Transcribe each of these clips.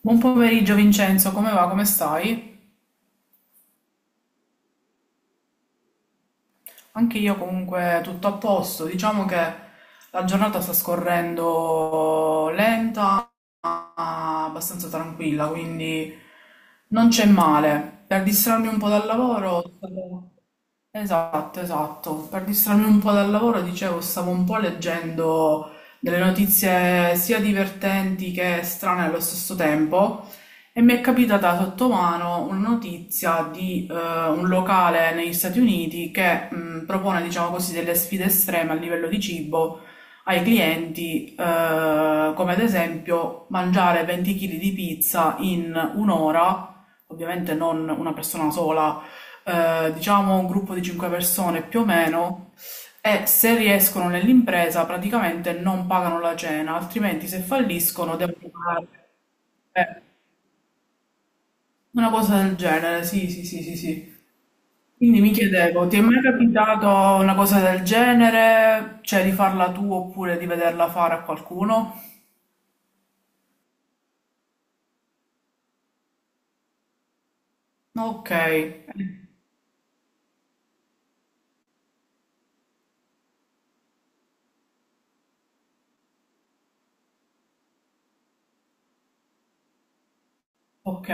Buon pomeriggio Vincenzo, come va? Come stai? Anche io comunque tutto a posto, diciamo che la giornata sta scorrendo lenta, ma abbastanza tranquilla, quindi non c'è male. Per distrarmi un po' dal lavoro, Esatto, esatto. Per distrarmi un po' dal lavoro, dicevo, stavo un po' leggendo delle notizie sia divertenti che strane allo stesso tempo e mi è capitata sotto mano una notizia di un locale negli Stati Uniti che propone, diciamo così, delle sfide estreme a livello di cibo ai clienti, come ad esempio mangiare 20 kg di pizza in un'ora, ovviamente non una persona sola, diciamo un gruppo di cinque persone più o meno, e se riescono nell'impresa praticamente non pagano la cena, altrimenti se falliscono devono pagare. Eh, una cosa del genere, sì, sì, sì, sì, sì. Quindi mi chiedevo, ti è mai capitato una cosa del genere? Cioè di farla tu oppure di vederla fare a qualcuno? Ok, ok.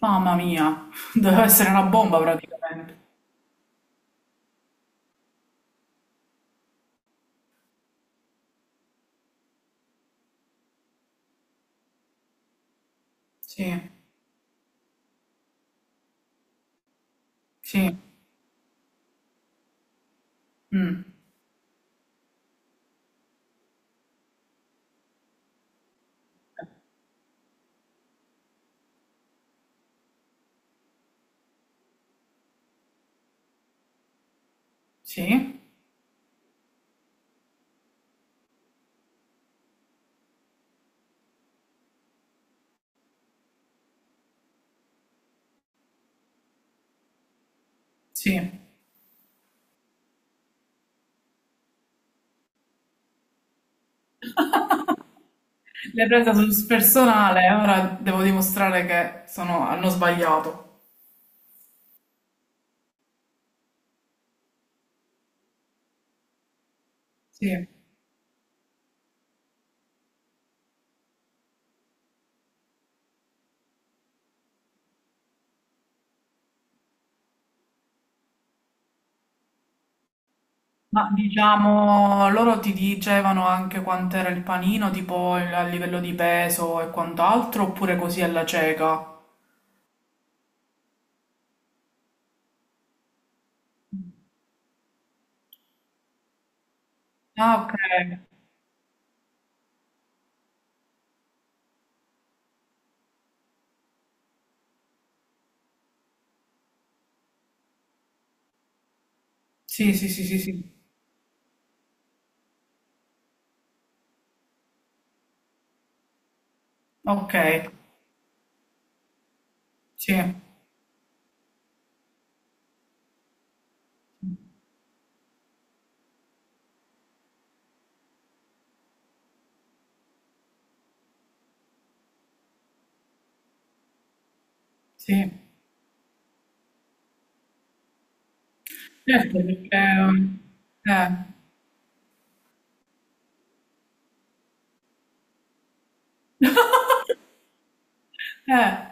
Mamma mia, deve essere una bomba praticamente. Sì, sì, mm, sì, sì. L'hai presa sul personale, ora devo dimostrare che hanno sbagliato. Sì. Ma diciamo, loro ti dicevano anche quant'era il panino, tipo a livello di peso e quant'altro, oppure così alla cieca? Ah, ok. Sì, sì, sì, sì, sì. Ok, sì, sì. Certo, perché... Eh. Eh.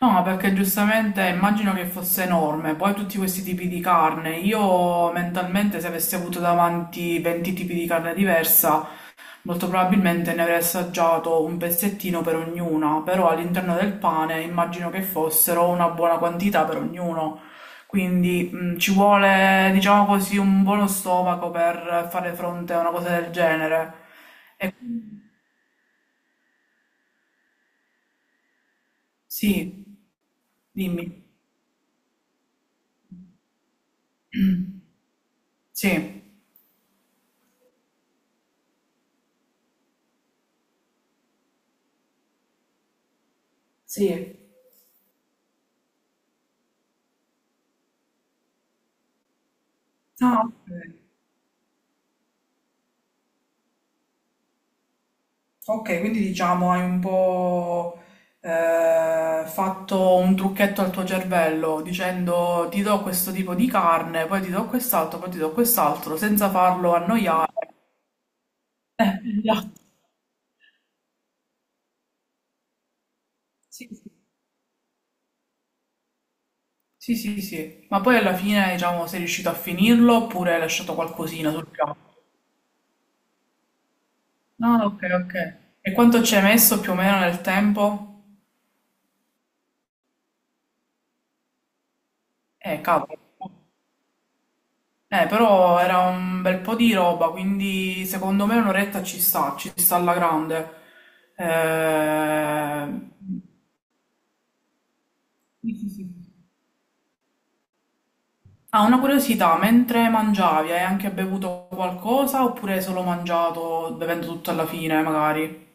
No, perché giustamente immagino che fosse enorme, poi tutti questi tipi di carne, io mentalmente se avessi avuto davanti 20 tipi di carne diversa, molto probabilmente ne avrei assaggiato un pezzettino per ognuna, però all'interno del pane immagino che fossero una buona quantità per ognuno, quindi ci vuole, diciamo così, un buono stomaco per fare fronte a una cosa del genere. Sì, dimmi. Sì. Sì. Ah, ok. Ok, quindi diciamo hai un po' fatto un trucchetto al tuo cervello dicendo ti do questo tipo di carne, poi ti do quest'altro, poi ti do quest'altro, senza farlo annoiare. Esatto. Sì, sì. Sì, sì, sì. Ma poi alla fine, diciamo, sei riuscito a finirlo oppure hai lasciato qualcosina sul piatto? No, ok, ok. E quanto ci hai messo più o meno nel tempo? Cavolo. Però era un bel po' di roba, quindi secondo me un'oretta ci sta alla grande. Eh, sì, sì, sì. Ah, una curiosità, mentre mangiavi hai anche bevuto qualcosa oppure hai solo mangiato bevendo tutto alla fine, magari?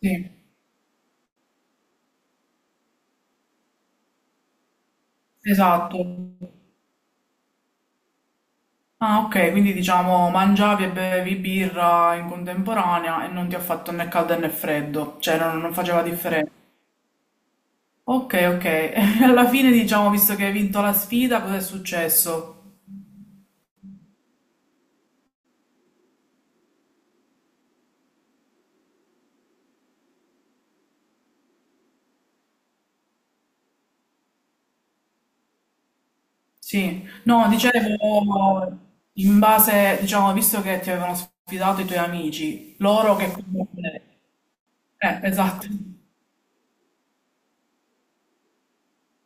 Sì, esatto. Ah, ok, quindi diciamo mangiavi e bevi birra in contemporanea e non ti ha fatto né caldo né freddo, cioè non faceva differenza. Okay, okay. Alla fine diciamo, visto che hai vinto la sfida, cos'è successo? Sì. No, dicevo, in base, diciamo, visto che ti avevano sfidato i tuoi amici, loro che comunque... esatto.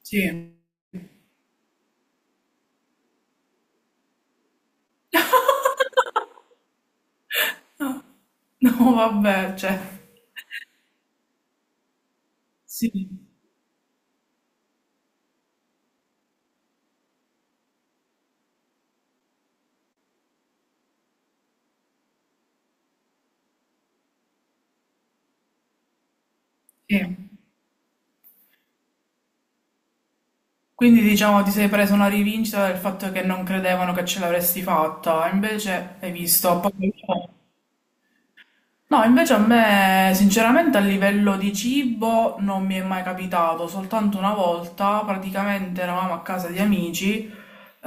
Sì. No, no, vabbè, cioè... Sì, sì. Quindi diciamo ti sei presa una rivincita del fatto che non credevano che ce l'avresti fatta, invece hai visto... No, invece a me, sinceramente, a livello di cibo non mi è mai capitato, soltanto una volta praticamente eravamo a casa di amici,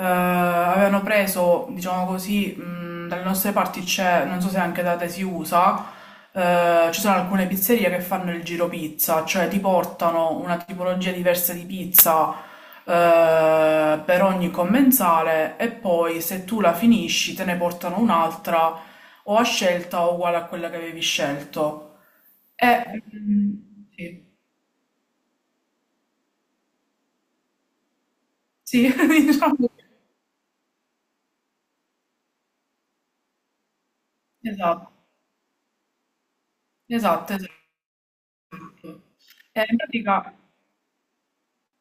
avevano preso, diciamo così, dalle nostre parti c'è, non so se anche da te si usa, ci sono alcune pizzerie che fanno il giro pizza, cioè ti portano una tipologia diversa di pizza, per ogni commensale e poi se tu la finisci te ne portano un'altra o a scelta o uguale a quella che avevi scelto. E, mm, sì, sì, diciamo, esatto, esatto, esatto. E in pratica,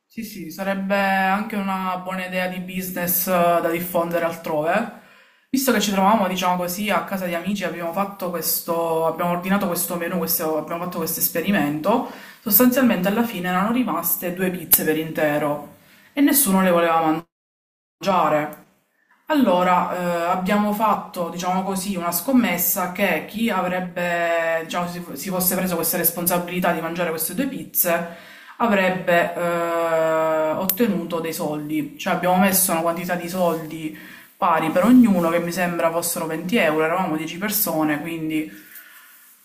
sì, sì, sarebbe anche una buona idea di business, da diffondere altrove. Visto che ci trovavamo, diciamo così, a casa di amici, abbiamo fatto questo, abbiamo ordinato questo menù, abbiamo fatto questo esperimento. Sostanzialmente alla fine erano rimaste due pizze per intero e nessuno le voleva mangiare. Allora, abbiamo fatto, diciamo così, una scommessa che chi avrebbe, diciamo, si fosse preso questa responsabilità di mangiare queste due pizze avrebbe ottenuto dei soldi. Cioè abbiamo messo una quantità di soldi pari per ognuno, che mi sembra fossero 20 euro, eravamo 10 persone, quindi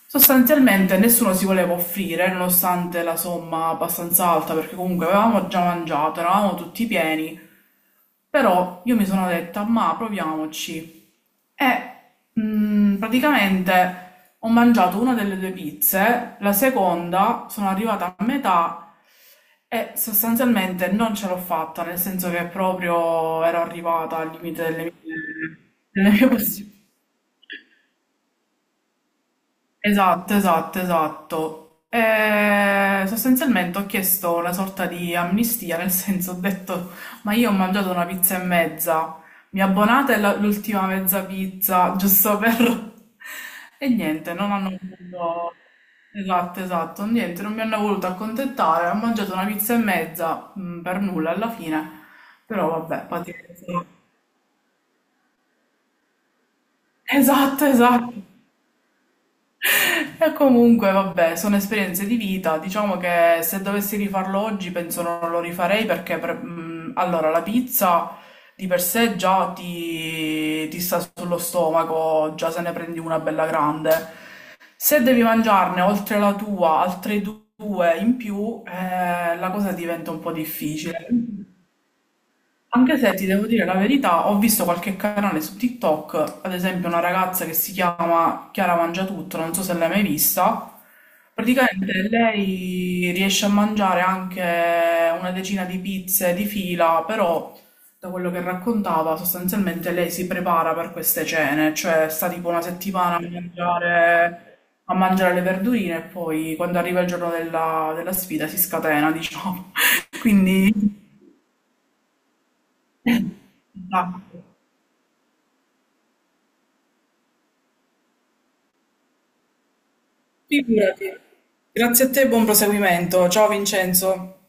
sostanzialmente nessuno si voleva offrire, nonostante la somma abbastanza alta, perché comunque avevamo già mangiato, eravamo tutti pieni. Però io mi sono detta, ma proviamoci. E praticamente ho mangiato una delle due pizze, la seconda sono arrivata a metà e sostanzialmente non ce l'ho fatta, nel senso che proprio ero arrivata al limite delle mie possibilità. Esatto, esatto, esatto. E sostanzialmente ho chiesto una sorta di amnistia, nel senso ho detto, ma io ho mangiato una pizza e mezza, mi abbonate l'ultima mezza pizza, giusto per... E niente, non hanno voluto... Esatto, esatto, niente, non mi hanno voluto accontentare, ho mangiato una pizza e mezza, mm, per nulla alla fine, però vabbè, pazienza. Esatto, esatto. E comunque, vabbè, sono esperienze di vita. Diciamo che se dovessi rifarlo oggi, penso non lo rifarei perché, allora, la pizza di per sé già ti sta sullo stomaco, già se ne prendi una bella grande. Se devi mangiarne oltre la tua, altre due in più, la cosa diventa un po' difficile. Anche se ti devo dire la verità, ho visto qualche canale su TikTok, ad esempio una ragazza che si chiama Chiara Mangiatutto, non so se l'hai mai vista. Praticamente lei riesce a mangiare anche una decina di pizze di fila, però da quello che raccontava, sostanzialmente lei si prepara per queste cene, cioè sta tipo una settimana a mangiare le verdurine e poi quando arriva il giorno della sfida si scatena, diciamo. Quindi... esatto. Figurati. Grazie a te e buon proseguimento. Ciao Vincenzo.